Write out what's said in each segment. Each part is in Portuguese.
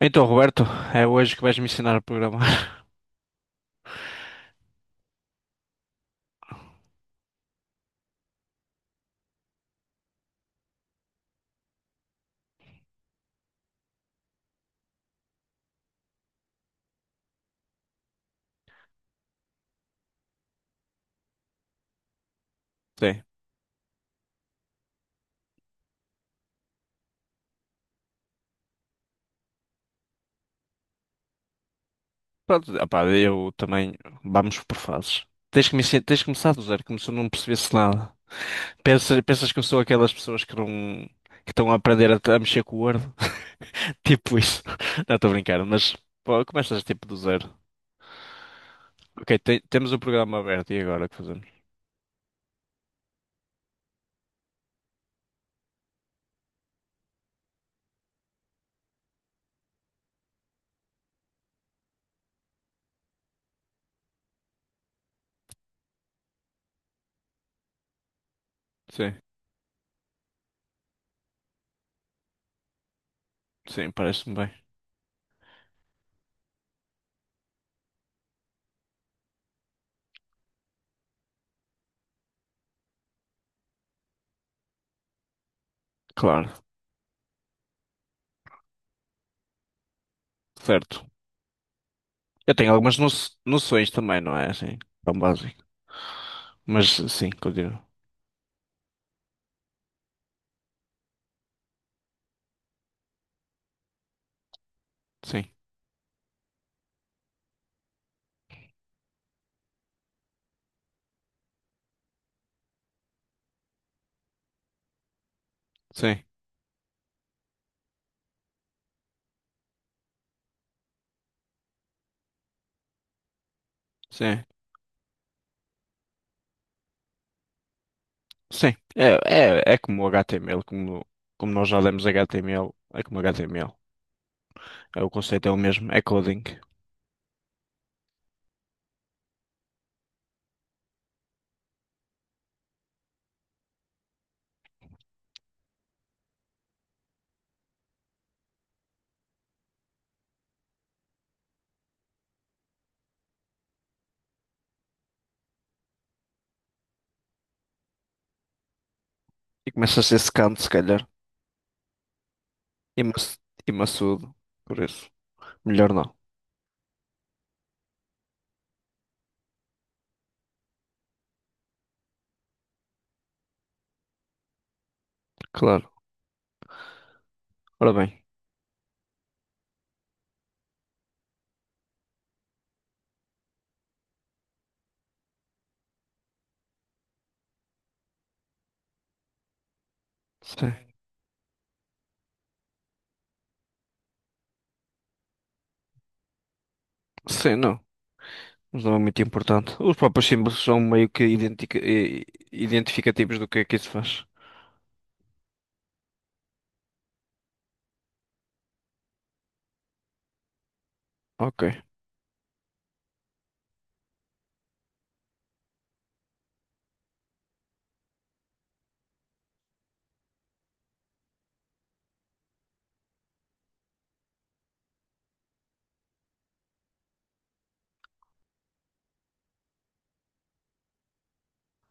Então, Roberto, é hoje que vais me ensinar a programar. Sim. Pronto, opá, eu também. Vamos por fases. Tens que me ensinar, tens que começar do zero, como se eu não percebesse nada. Pensas que eu sou aquelas pessoas que não, que estão a aprender a mexer com o Word? Tipo isso. Não, estou a brincar, mas pô, começas tipo do zero. Ok, temos o programa aberto e agora o que fazemos? Sim, sim, parece-me bem. Claro, certo. Eu tenho algumas noções também, não é assim? Tão básico. Mas sim, continua. Sim, sim, sim. Sim, é, é como o HTML, como, como nós já lemos HTML, é como HTML. É, o conceito é o mesmo, é coding. E começa a ser secante, se calhar, e, e maçudo, por isso. Melhor não, claro. Ora bem, sim, sim, não, mas não é muito importante. Os próprios símbolos são meio que identificativos do que é que isso faz. Ok.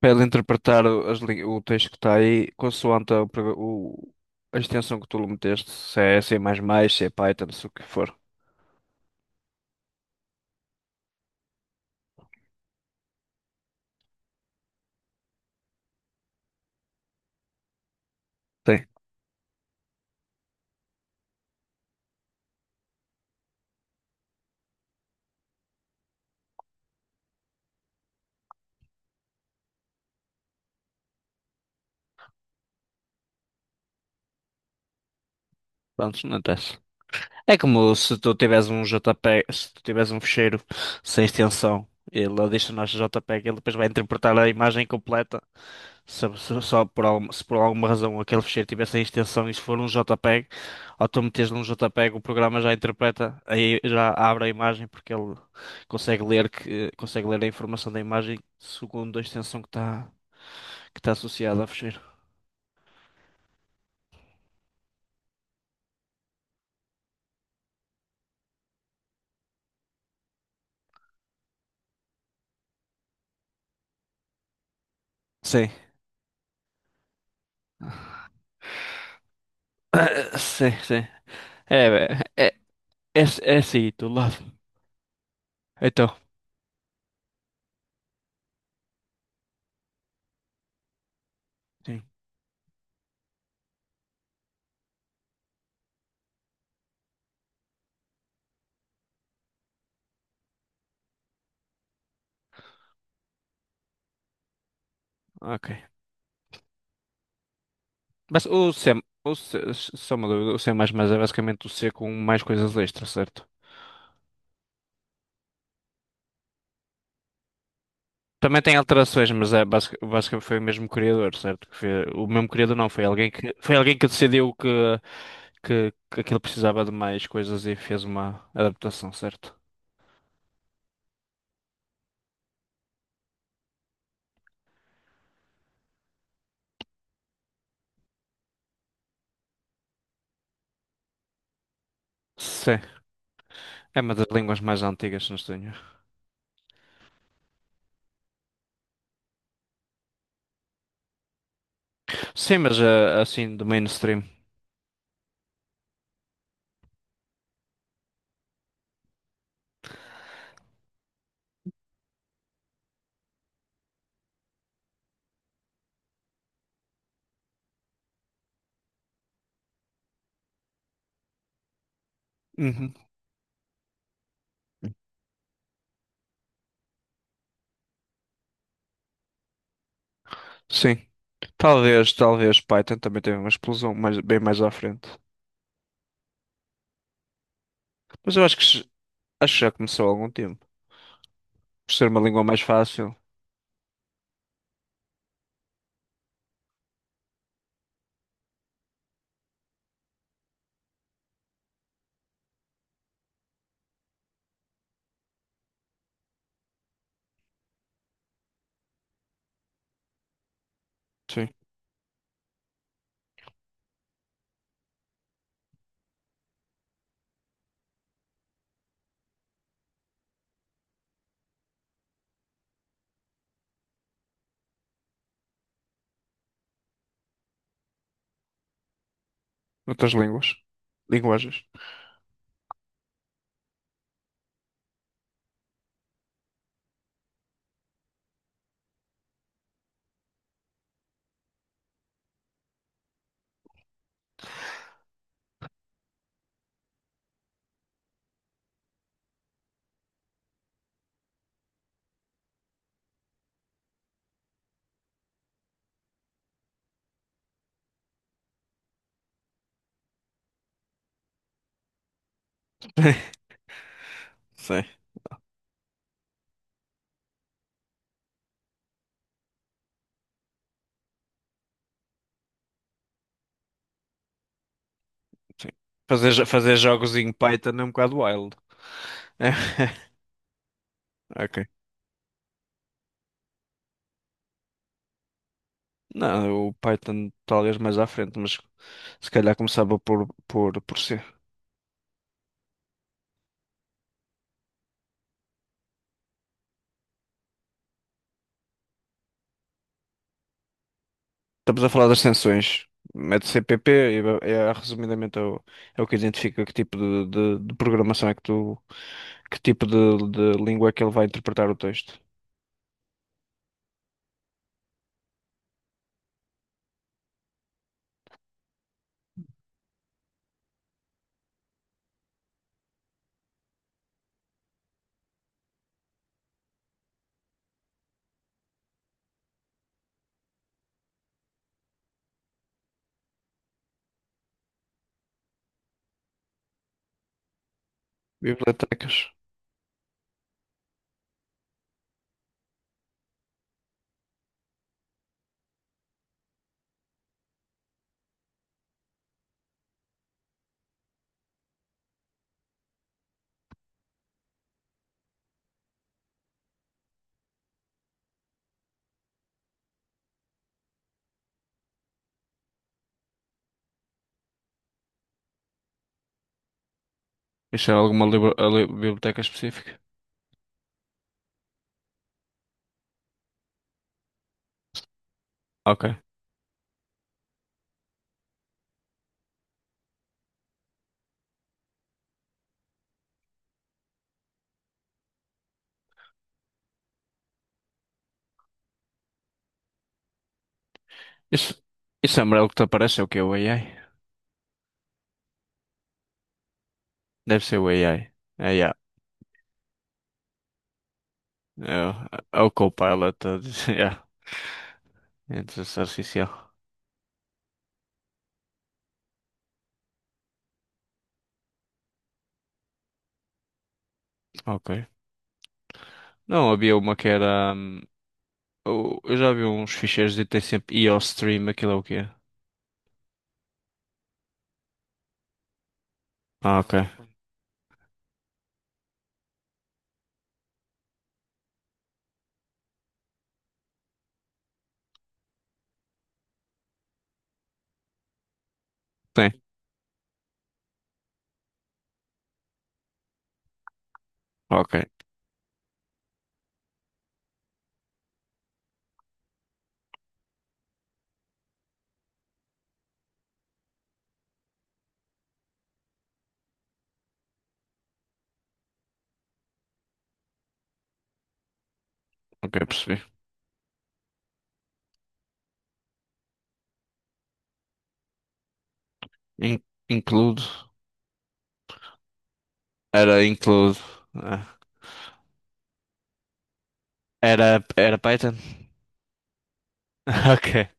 Para ele interpretar o texto que está aí, consoante a, o, a extensão que tu lhe meteste, se é C++, mais mais, se é Python, se o que for. Sim, pronto, não interessa. É como se tu tiveres um JPEG, se tu tiveres um ficheiro sem extensão, ele adiciona JPEG, ele depois vai interpretar a imagem completa. Só por, se por alguma razão aquele ficheiro tiver sem extensão e se for um JPEG, ou tu meteres num JPEG, o programa já interpreta, aí já abre a imagem porque ele consegue ler que consegue ler a informação da imagem segundo a extensão que está associada ao ficheiro. Sim. Ah, sim, sim. É, é, é, é assim, do lado. Então, sim, ok. Mas o C, só uma dúvida, o C++ é basicamente o C com mais coisas extra, certo? Também tem alterações, mas é basicamente foi o mesmo criador, certo? O mesmo criador não, foi alguém que decidiu que aquilo precisava de mais coisas e fez uma adaptação, certo? Sim, é uma das línguas mais antigas, não tenho. Sim, mas assim, do mainstream. Uhum. Sim. Talvez Python também teve uma explosão mais, bem mais à frente. Mas eu acho acho que já começou há algum tempo. Por ser uma língua mais fácil. Sim. Outras línguas. Linguagens. Sim, sim. Fazer jogos em Python é um bocado wild. Ok. Não, o Python talvez mais à frente, mas se calhar começava por C. Estamos a falar das sanções. Mete C P P e resumidamente é o que identifica que tipo de programação é que tu, que tipo de língua é que ele vai interpretar o texto. Bibliotecas. Isso é alguma biblioteca específica? Ok. Isso, isso é amarelo que te aparece é o que? O AI? Deve ser o AI. É, yeah. É, o é o Copilot. Yeah. Inteligência artificial. Ok. Não, havia uma que era. Eu já vi uns ficheiros e tem sempre IOStream, aquilo é o quê? Ah, ok. Tem. Ok. Ok, percebi. In- Include. Era include. Ah. Era, era Python? Ok.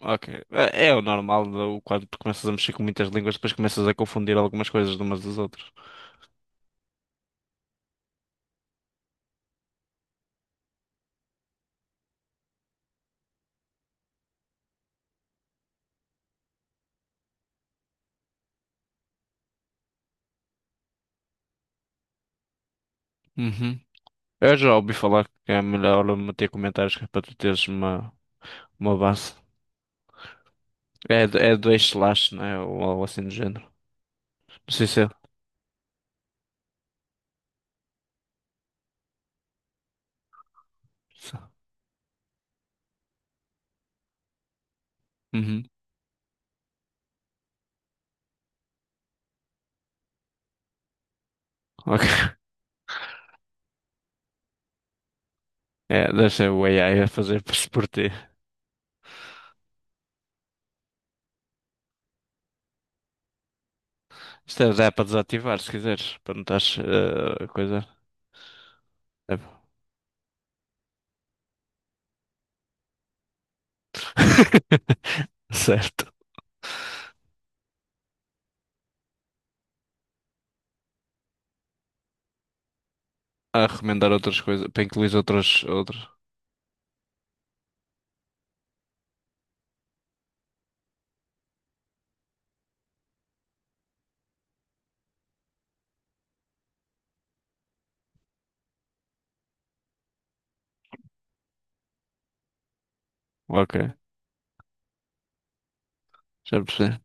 Ok. É o normal, quando tu começas a mexer com muitas línguas, depois começas a confundir algumas coisas de umas das outras. Uhum. Eu já ouvi falar que é melhor meter comentários que é para tu teres uma base. É, é dois slash, né? Ou algo assim do género. Não sei se é. se- Uhum. Ok. É, deixa o AI a fazer por si por ti. Isto é, dá para desativar se quiseres, para não estás a coisa. É. Certo. A recomendar outras coisas, para incluir outras, outras. Ok, já percebi.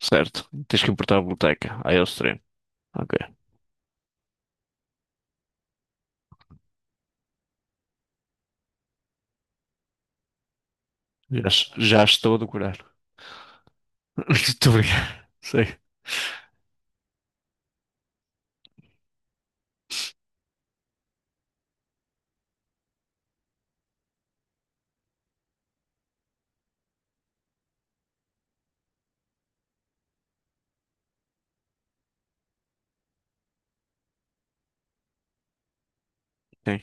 Certo. Tens que importar a biblioteca. Aí é o treino. Ok. Já, já estou a decorar. Muito obrigado. Sei. Sim.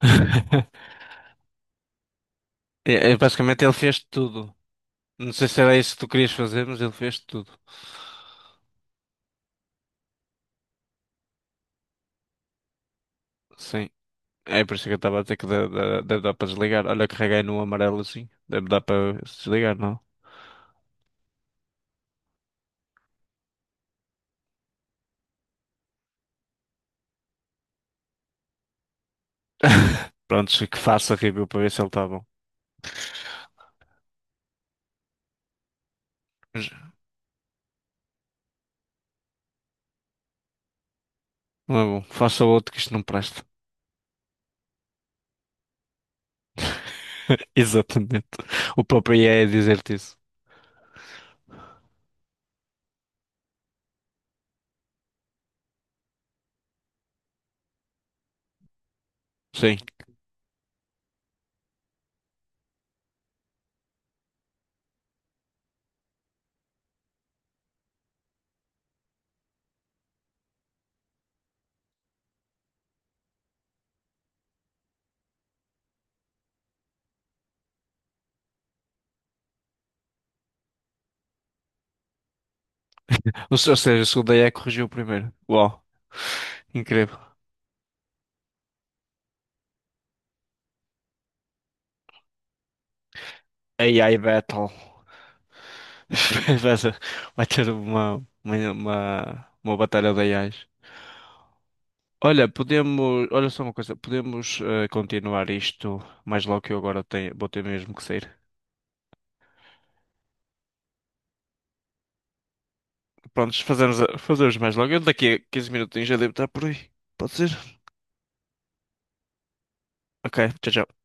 Basicamente ele fez tudo. Não sei se era isso que tu querias fazer, mas ele fez tudo. Sim. É por isso que eu estava a dizer que deve dar para desligar. Olha, eu carreguei no amarelo assim. Deve dar para desligar, não? Prontos, que faça review para ver se ele está bom. Mas não é bom. Faça outro que isto não presta. Exatamente. O próprio IA é dizer-te isso. Sim. Ou se- Ou seja, o segundo AI corrigiu o primeiro. Uau, incrível. AI Battle. Vai ser- Vai ter uma, uma batalha de AIs. Olha, podemos. Olha só uma coisa, podemos continuar isto mais logo que eu agora tenho, vou ter mesmo que sair. Prontos, fazemos, fazemos mais logo. Eu daqui a 15 minutinhos já devo estar por aí. Pode ser? Ok, tchau, tchau.